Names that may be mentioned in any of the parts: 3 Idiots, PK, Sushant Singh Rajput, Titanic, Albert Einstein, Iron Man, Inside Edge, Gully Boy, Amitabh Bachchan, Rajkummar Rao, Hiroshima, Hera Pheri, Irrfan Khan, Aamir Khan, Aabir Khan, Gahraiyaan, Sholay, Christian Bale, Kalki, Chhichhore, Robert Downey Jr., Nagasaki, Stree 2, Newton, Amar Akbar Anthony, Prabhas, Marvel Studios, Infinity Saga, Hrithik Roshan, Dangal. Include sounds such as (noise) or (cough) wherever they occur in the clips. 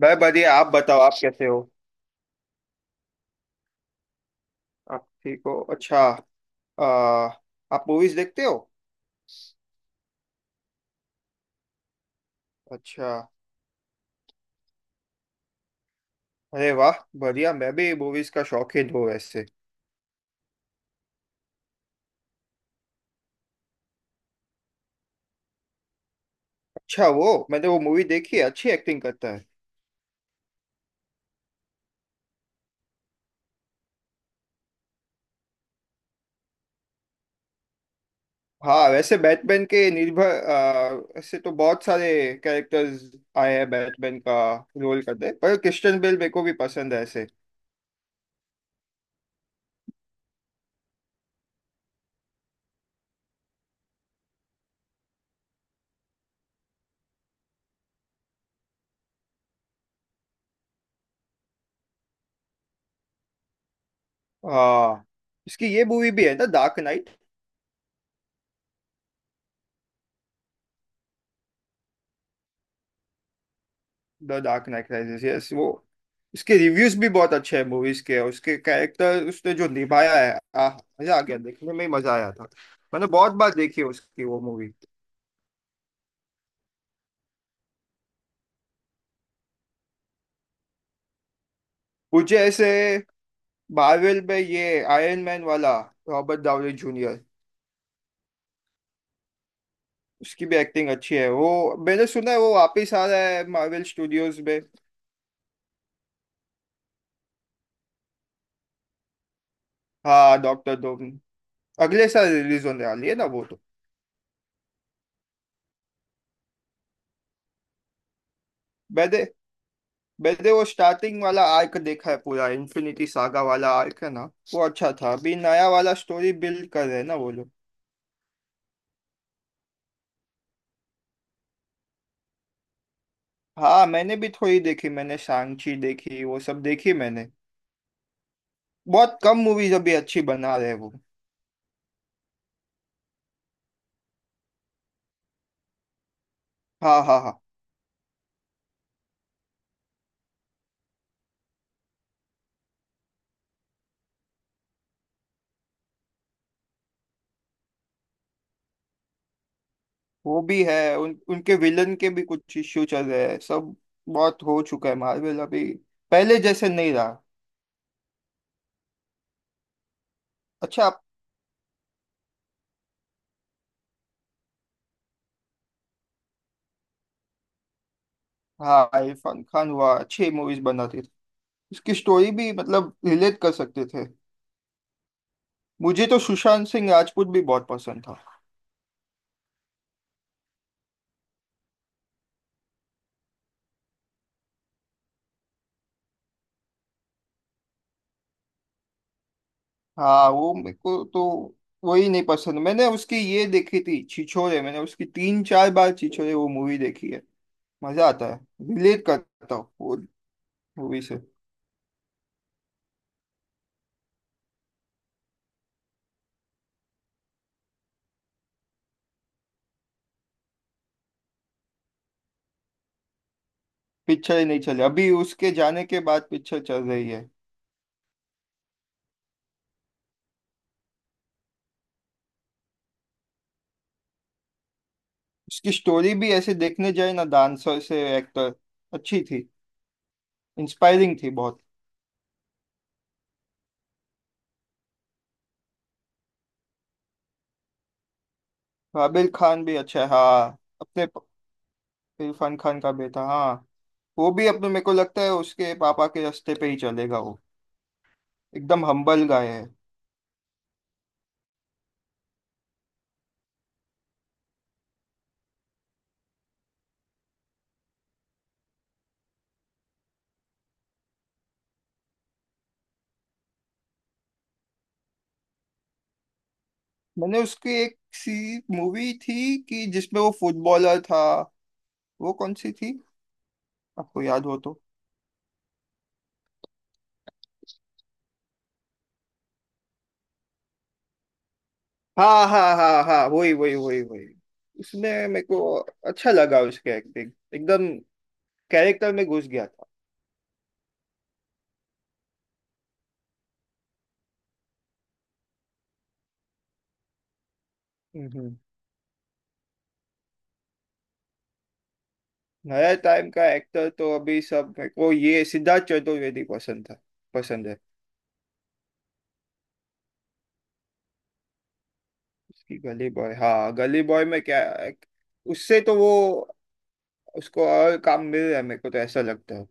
भाई बढ़िया। आप बताओ, आप कैसे हो। आप ठीक हो, अच्छा। आ, आप मूवीज देखते हो। अच्छा। अरे वाह बढ़िया, मैं भी मूवीज का शौकीन हूँ वैसे। अच्छा, वो मैंने वो मूवी देखी है, अच्छी एक्टिंग करता है। हाँ वैसे बैटमैन के निर्भर ऐसे तो बहुत सारे कैरेक्टर्स आए हैं बैटमैन का रोल करते, पर क्रिश्चियन बेल मेरे को भी पसंद है ऐसे। हाँ इसकी ये मूवी भी है ना, Dark Knight. The Dark Knight Rises, yes वो। उसके रिव्यूज भी बहुत अच्छे हैं मूवीज के, और उसके कैरेक्टर उसने जो निभाया है। आह मजा आ गया, देखने में ही मजा आया था। मैंने बहुत बार देखी है उसकी वो मूवी। मुझे ऐसे मार्वल में ये आयरन मैन वाला, रॉबर्ट डाउनी जूनियर। उसकी भी एक्टिंग अच्छी है, वो मैंने सुना है वो वापिस आ रहा है मार्वल स्टूडियोज में। हाँ डॉक्टर डूम अगले साल रिलीज होने वाली है ना वो तो। मैंने वैसे वो स्टार्टिंग वाला आर्क देखा है पूरा, इन्फिनिटी सागा वाला आर्क है ना। वो अच्छा था, अभी नया वाला स्टोरी बिल्ड कर रहे हैं ना वो लोग। हाँ, मैंने भी थोड़ी देखी, मैंने सांची देखी, वो सब देखी मैंने। बहुत कम मूवीज अभी अच्छी बना रहे हैं वो। हाँ हाँ हाँ। वो भी है, उन उनके विलन के भी कुछ इश्यू चल रहे हैं सब। बहुत हो चुका है मार्वल अभी, पहले जैसे नहीं रहा। अच्छा। हाँ इरफान खान हुआ, अच्छी मूवीज बनाते थे। उसकी स्टोरी भी मतलब रिलेट कर सकते थे। मुझे तो सुशांत सिंह राजपूत भी बहुत पसंद था। हाँ वो मेरे को तो वही नहीं पसंद, मैंने उसकी ये देखी थी छिछोरे, मैंने उसकी 3 4 बार छिछोरे वो मूवी देखी है। मजा आता है, रिलेट करता हूँ वो मूवी से। पिक्चर ही नहीं चली, अभी उसके जाने के बाद पिक्चर चल रही है। उसकी स्टोरी भी ऐसे देखने जाए ना, डांसर से एक्टर, अच्छी थी, इंस्पायरिंग थी बहुत। आबिर खान भी अच्छा है, हाँ अपने इरफान खान का बेटा हाँ। वो भी अपने मेरे को लगता है उसके पापा के रास्ते पे ही चलेगा वो, एकदम हम्बल गाय है। मैंने उसकी एक सी मूवी थी कि जिसमें वो फुटबॉलर था, वो कौन सी थी आपको याद हो तो। हाँ हाँ हाँ हाँ, वही वही वही वही। उसमें मेरे को अच्छा लगा उसके एक्टिंग, एकदम कैरेक्टर में घुस गया था। हम्म। नया टाइम का एक्टर तो अभी सब मेरे को ये सिद्धार्थ चतुर्वेदी पसंद था, पसंद है। उसकी गली बॉय, हाँ गली बॉय में क्या, उससे तो वो उसको और काम मिल रहा है मेरे को तो ऐसा लगता है।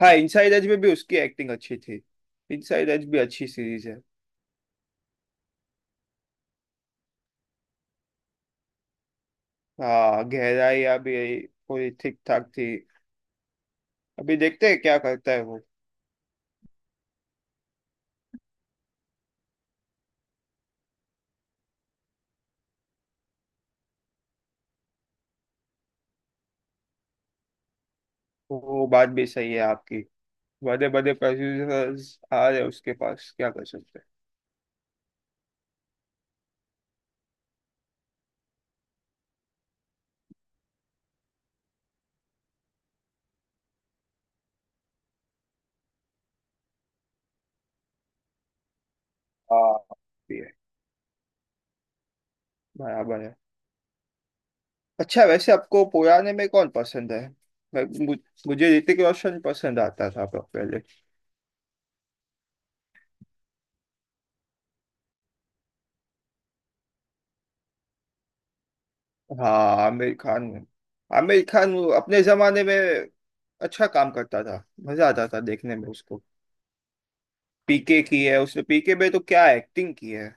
हाँ इनसाइड एज में भी उसकी एक्टिंग अच्छी थी, इनसाइड एज भी अच्छी सीरीज है। हाँ गहराइयाँ भी पूरी ठीक ठाक थी, अभी देखते हैं क्या करता है वो। वो बात भी सही है आपकी, बड़े बड़े प्रोड्यूसर्स आ रहे हैं उसके पास, क्या कर सकते हैं। हाँ भी है, बराबर है। अच्छा वैसे आपको पुराने में कौन पसंद है? मैं- मु- मुझे ऋतिक रोशन पसंद आता था पहले। हाँ आमिर खान, आमिर खान वो अपने जमाने में अच्छा काम करता था, मजा आता था देखने में उसको। पीके की है उसने, पीके में तो क्या एक्टिंग की है।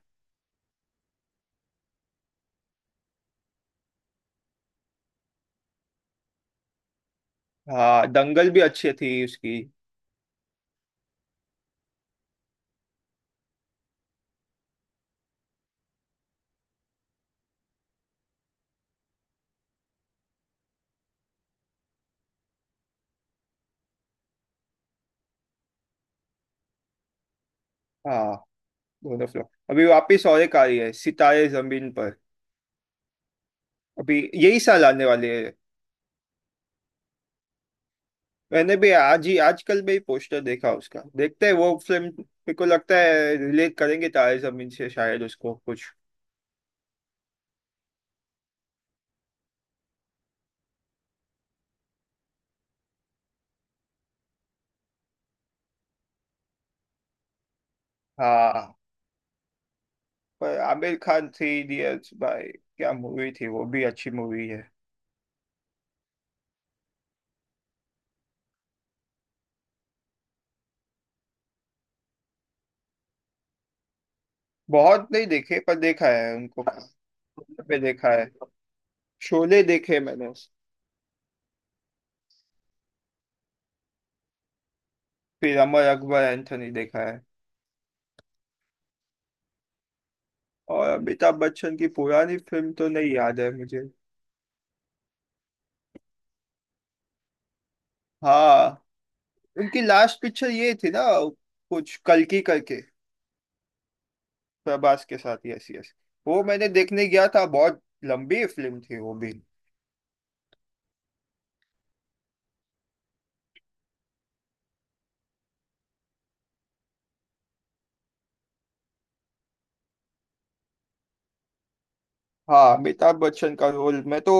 हाँ दंगल भी अच्छी थी उसकी। हाँ दोनों फिल्म, अभी वापिस और एक आ रही है सितारे जमीन पर, अभी यही साल आने वाली है। मैंने भी आज ही आजकल में ही पोस्टर देखा उसका, देखते हैं वो फिल्म, मेरे को लगता है रिलेट करेंगे तारे जमीन से शायद उसको कुछ। हाँ पर आमिर खान थ्री इडियट्स भाई, क्या मूवी थी, वो भी अच्छी मूवी है। बहुत नहीं देखे पर देखा है उनको, पे देखा है। शोले देखे मैंने, फिर अमर अकबर एंथोनी देखा है। और अमिताभ बच्चन की पुरानी फिल्म तो नहीं याद है मुझे। हाँ उनकी लास्ट पिक्चर ये थी ना, कुछ कल्कि करके। प्रभास के साथ, यस यस। वो मैंने देखने गया था, बहुत लंबी फिल्म थी वो भी। हाँ अमिताभ बच्चन का रोल, मैं तो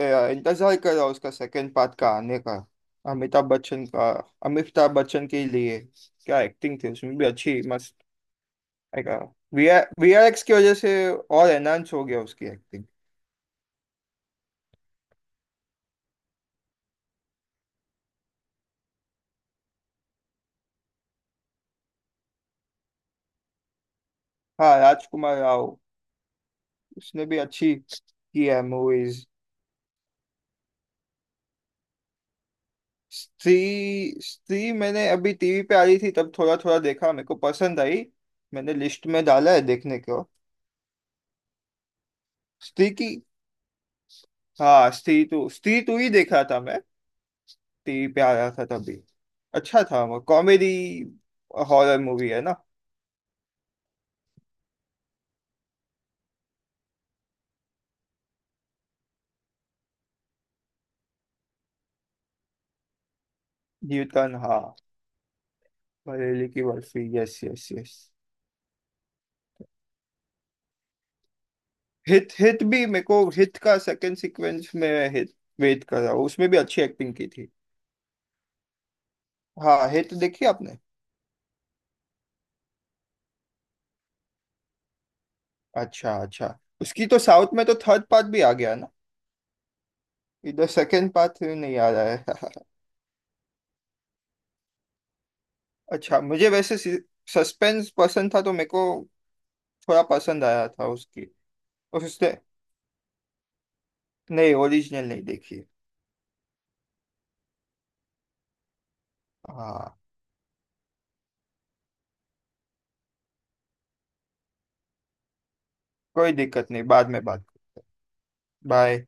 इंतजार कर रहा हूँ उसका सेकंड पार्ट का आने का। अमिताभ बच्चन का, अमिताभ बच्चन के लिए क्या एक्टिंग थी उसमें, भी अच्छी मस्त। वीआरएक्स की वजह से और एनहांस हो गया उसकी एक्टिंग। हाँ राजकुमार राव, उसने भी अच्छी की है मूवीज। स्त्री, स्त्री मैंने अभी टीवी पे आ रही थी तब थोड़ा थोड़ा देखा, मेरे को पसंद आई, मैंने लिस्ट में डाला है देखने को। स्त्री की, हाँ स्त्री टू, स्त्री टू ही देख रहा था मैं, टीवी पे आ रहा था तभी, अच्छा था वो। कॉमेडी हॉरर मूवी है ना। न्यूटन हाँ। बरेली की Barfi, yes yes yes. Hit, Hit भी मेरे को, हित का सेकंड सीक्वेंस में हित वेट कर रहा हूँ, उसमें भी अच्छी एक्टिंग की थी। हाँ हित देखी आपने? अच्छा अच्छा। उसकी तो साउथ में तो थर्ड पार्ट भी आ गया ना, इधर सेकंड पार्ट नहीं आ रहा है। (laughs) अच्छा मुझे वैसे सस्पेंस पसंद था तो मेरे को थोड़ा पसंद आया था उसकी। और उसने, नहीं ओरिजिनल नहीं देखी। हाँ, कोई दिक्कत नहीं, बाद में बात। बाय।